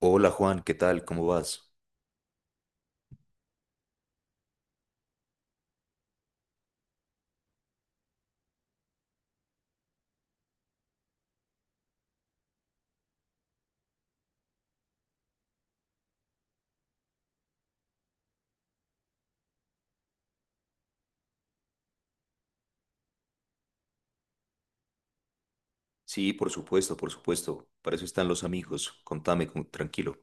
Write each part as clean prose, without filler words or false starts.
Hola Juan, ¿qué tal? ¿Cómo vas? Sí, por supuesto, por supuesto. Para eso están los amigos. Contame, tranquilo.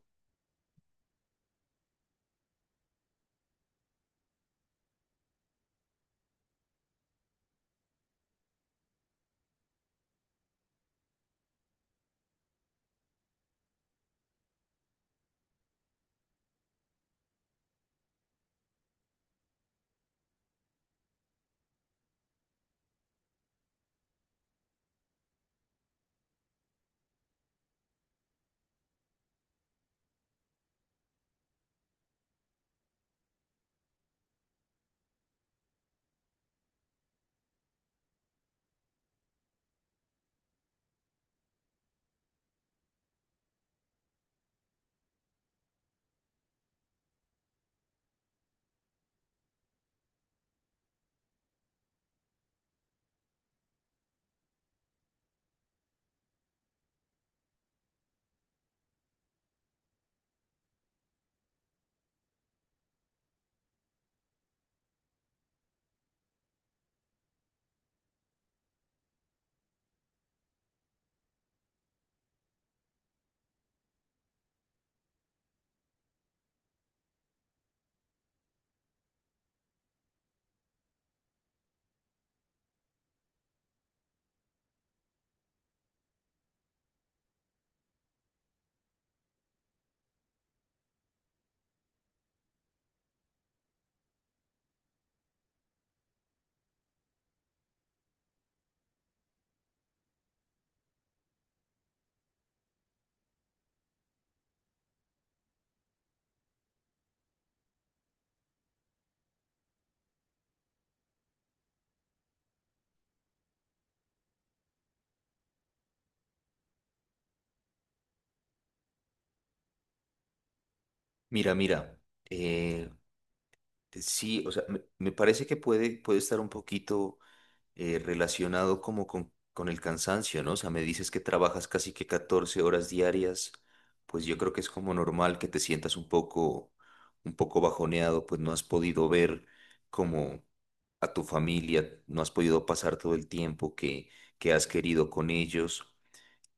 Mira, mira. eh, sí, o sea, me parece que puede estar un poquito relacionado como con el cansancio, ¿no? O sea, me dices que trabajas casi que 14 horas diarias, pues yo creo que es como normal que te sientas un poco bajoneado, pues no has podido ver como a tu familia, no has podido pasar todo el tiempo que has querido con ellos.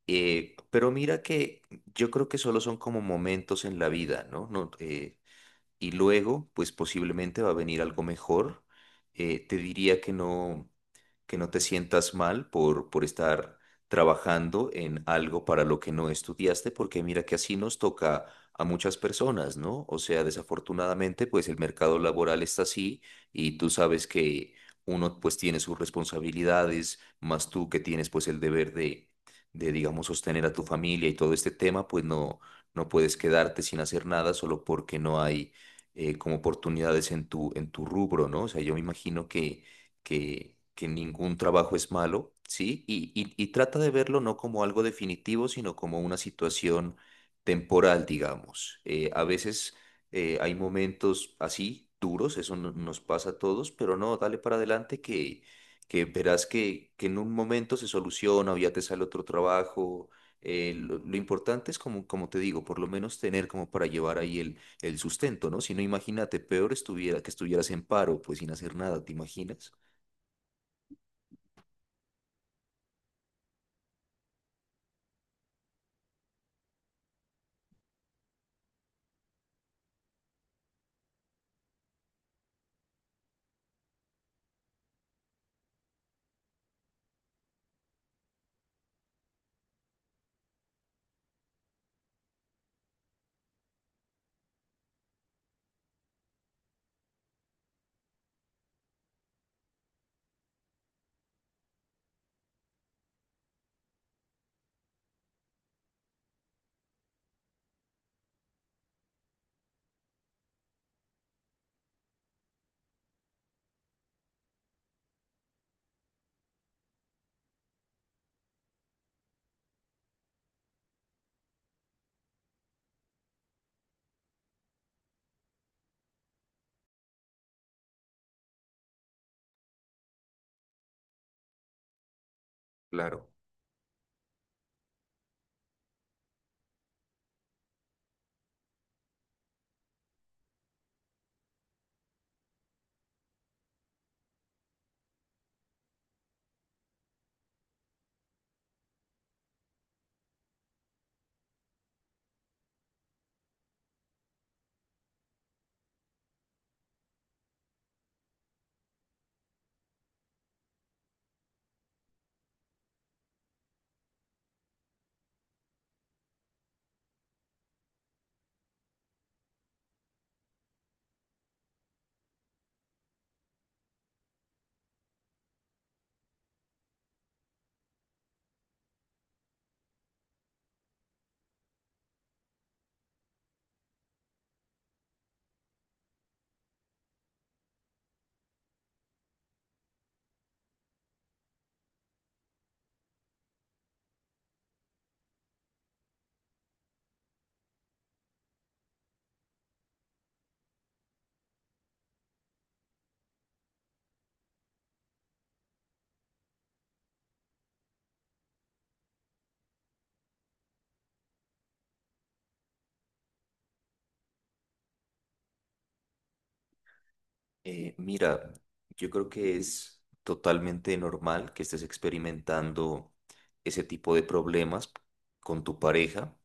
Pero mira que yo creo que solo son como momentos en la vida, ¿no? No, y luego, pues posiblemente va a venir algo mejor. Te diría que no te sientas mal por estar trabajando en algo para lo que no estudiaste, porque mira que así nos toca a muchas personas, ¿no? O sea, desafortunadamente, pues el mercado laboral está así y tú sabes que uno pues tiene sus responsabilidades, más tú que tienes pues el deber de digamos, sostener a tu familia y todo este tema, pues no, no puedes quedarte sin hacer nada solo porque no hay como oportunidades en tu rubro, ¿no? O sea, yo me imagino que ningún trabajo es malo, ¿sí? Y trata de verlo no como algo definitivo, sino como una situación temporal, digamos. A veces hay momentos así, duros, eso nos pasa a todos, pero no, dale para adelante que verás que en un momento se soluciona o ya te sale otro trabajo. Lo importante es como, como te digo, por lo menos tener como para llevar ahí el sustento, ¿no? Si no, imagínate, peor estuviera que estuvieras en paro, pues sin hacer nada, ¿te imaginas? Claro. Mira, yo creo que es totalmente normal que estés experimentando ese tipo de problemas con tu pareja,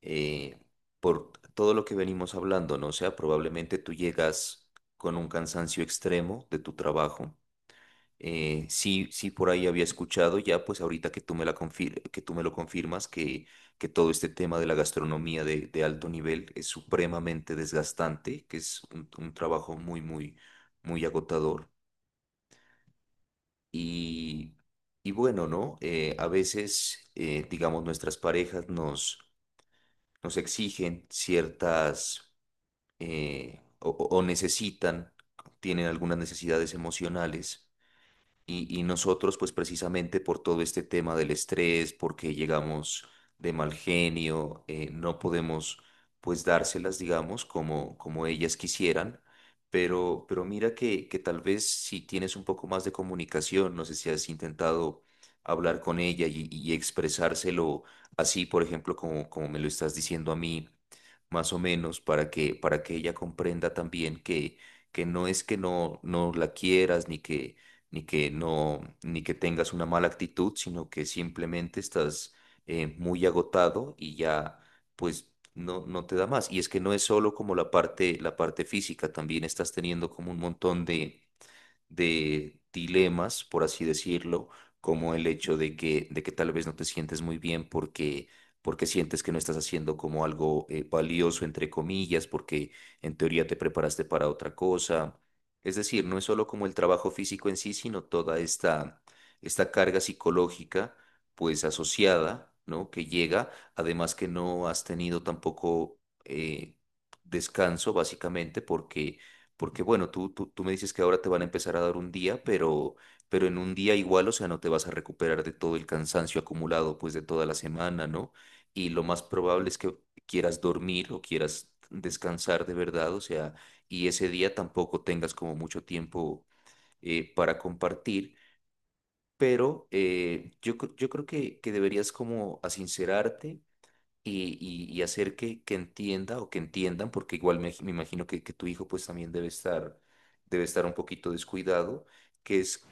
eh, por todo lo que venimos hablando, ¿no? O sea, probablemente tú llegas con un cansancio extremo de tu trabajo. Sí, sí, por ahí había escuchado ya, pues ahorita que tú me la que tú me lo confirmas, que todo este tema de la gastronomía de alto nivel es supremamente desgastante, que es un trabajo muy, muy, muy agotador. Y, y bueno, ¿no? A veces, digamos, nuestras parejas nos exigen o necesitan, tienen algunas necesidades emocionales. Y nosotros, pues precisamente por todo este tema del estrés, porque llegamos de mal genio, no podemos pues dárselas, digamos, como, como ellas quisieran. Pero mira que tal vez si tienes un poco más de comunicación, no sé si has intentado hablar con ella y expresárselo así, por ejemplo, como, como me lo estás diciendo a mí, más o menos, para para que ella comprenda también que no es que no, no la quieras ni que ni que no, ni que tengas una mala actitud, sino que simplemente estás muy agotado y ya, pues, no, no te da más. Y es que no es solo como la parte física, también estás teniendo como un montón de dilemas, por así decirlo, como el hecho de de que tal vez no te sientes muy bien porque, porque sientes que no estás haciendo como algo valioso, entre comillas, porque en teoría te preparaste para otra cosa. Es decir, no es solo como el trabajo físico en sí, sino toda esta, esta carga psicológica, pues asociada, ¿no? Que llega, además que no has tenido tampoco eh, descanso básicamente porque porque bueno, tú me dices que ahora te van a empezar a dar un día, pero en un día igual, o sea, no te vas a recuperar de todo el cansancio acumulado pues de toda la semana, ¿no? Y lo más probable es que quieras dormir o quieras descansar de verdad, o sea, y ese día tampoco tengas como mucho tiempo para compartir, pero yo creo que deberías como asincerarte y hacer que entienda o que entiendan, porque igual me imagino que tu hijo pues también debe estar un poquito descuidado, que es,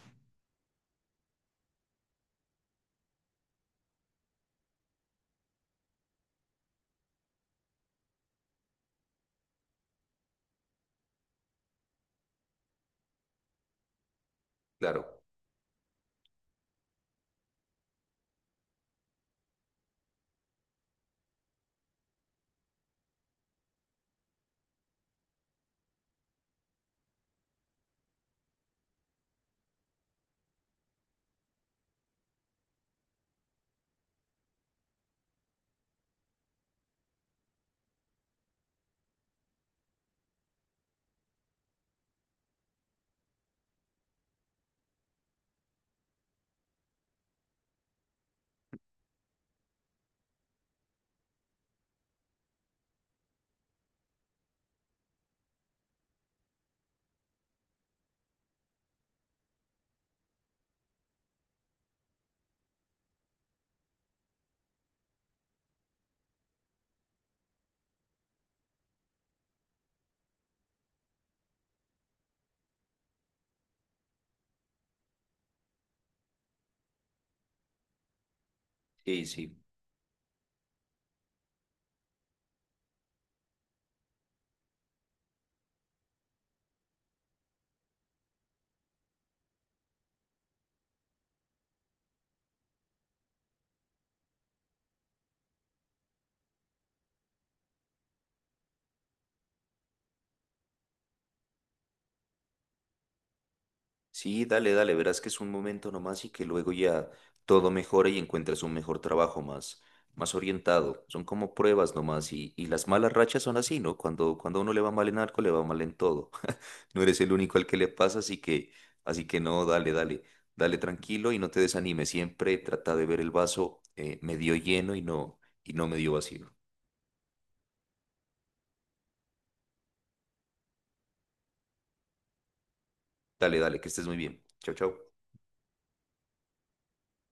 claro, sí, sí. Sí, dale, dale, verás que es un momento nomás y que luego ya todo mejora y encuentras un mejor trabajo más, más orientado. Son como pruebas nomás y las malas rachas son así, ¿no? Cuando a uno le va mal en algo, le va mal en todo. No eres el único al que le pasa, así que no, dale, dale, dale tranquilo y no te desanimes. Siempre trata de ver el vaso medio lleno y no medio vacío. Dale, dale, que estés muy bien. Chao, chao.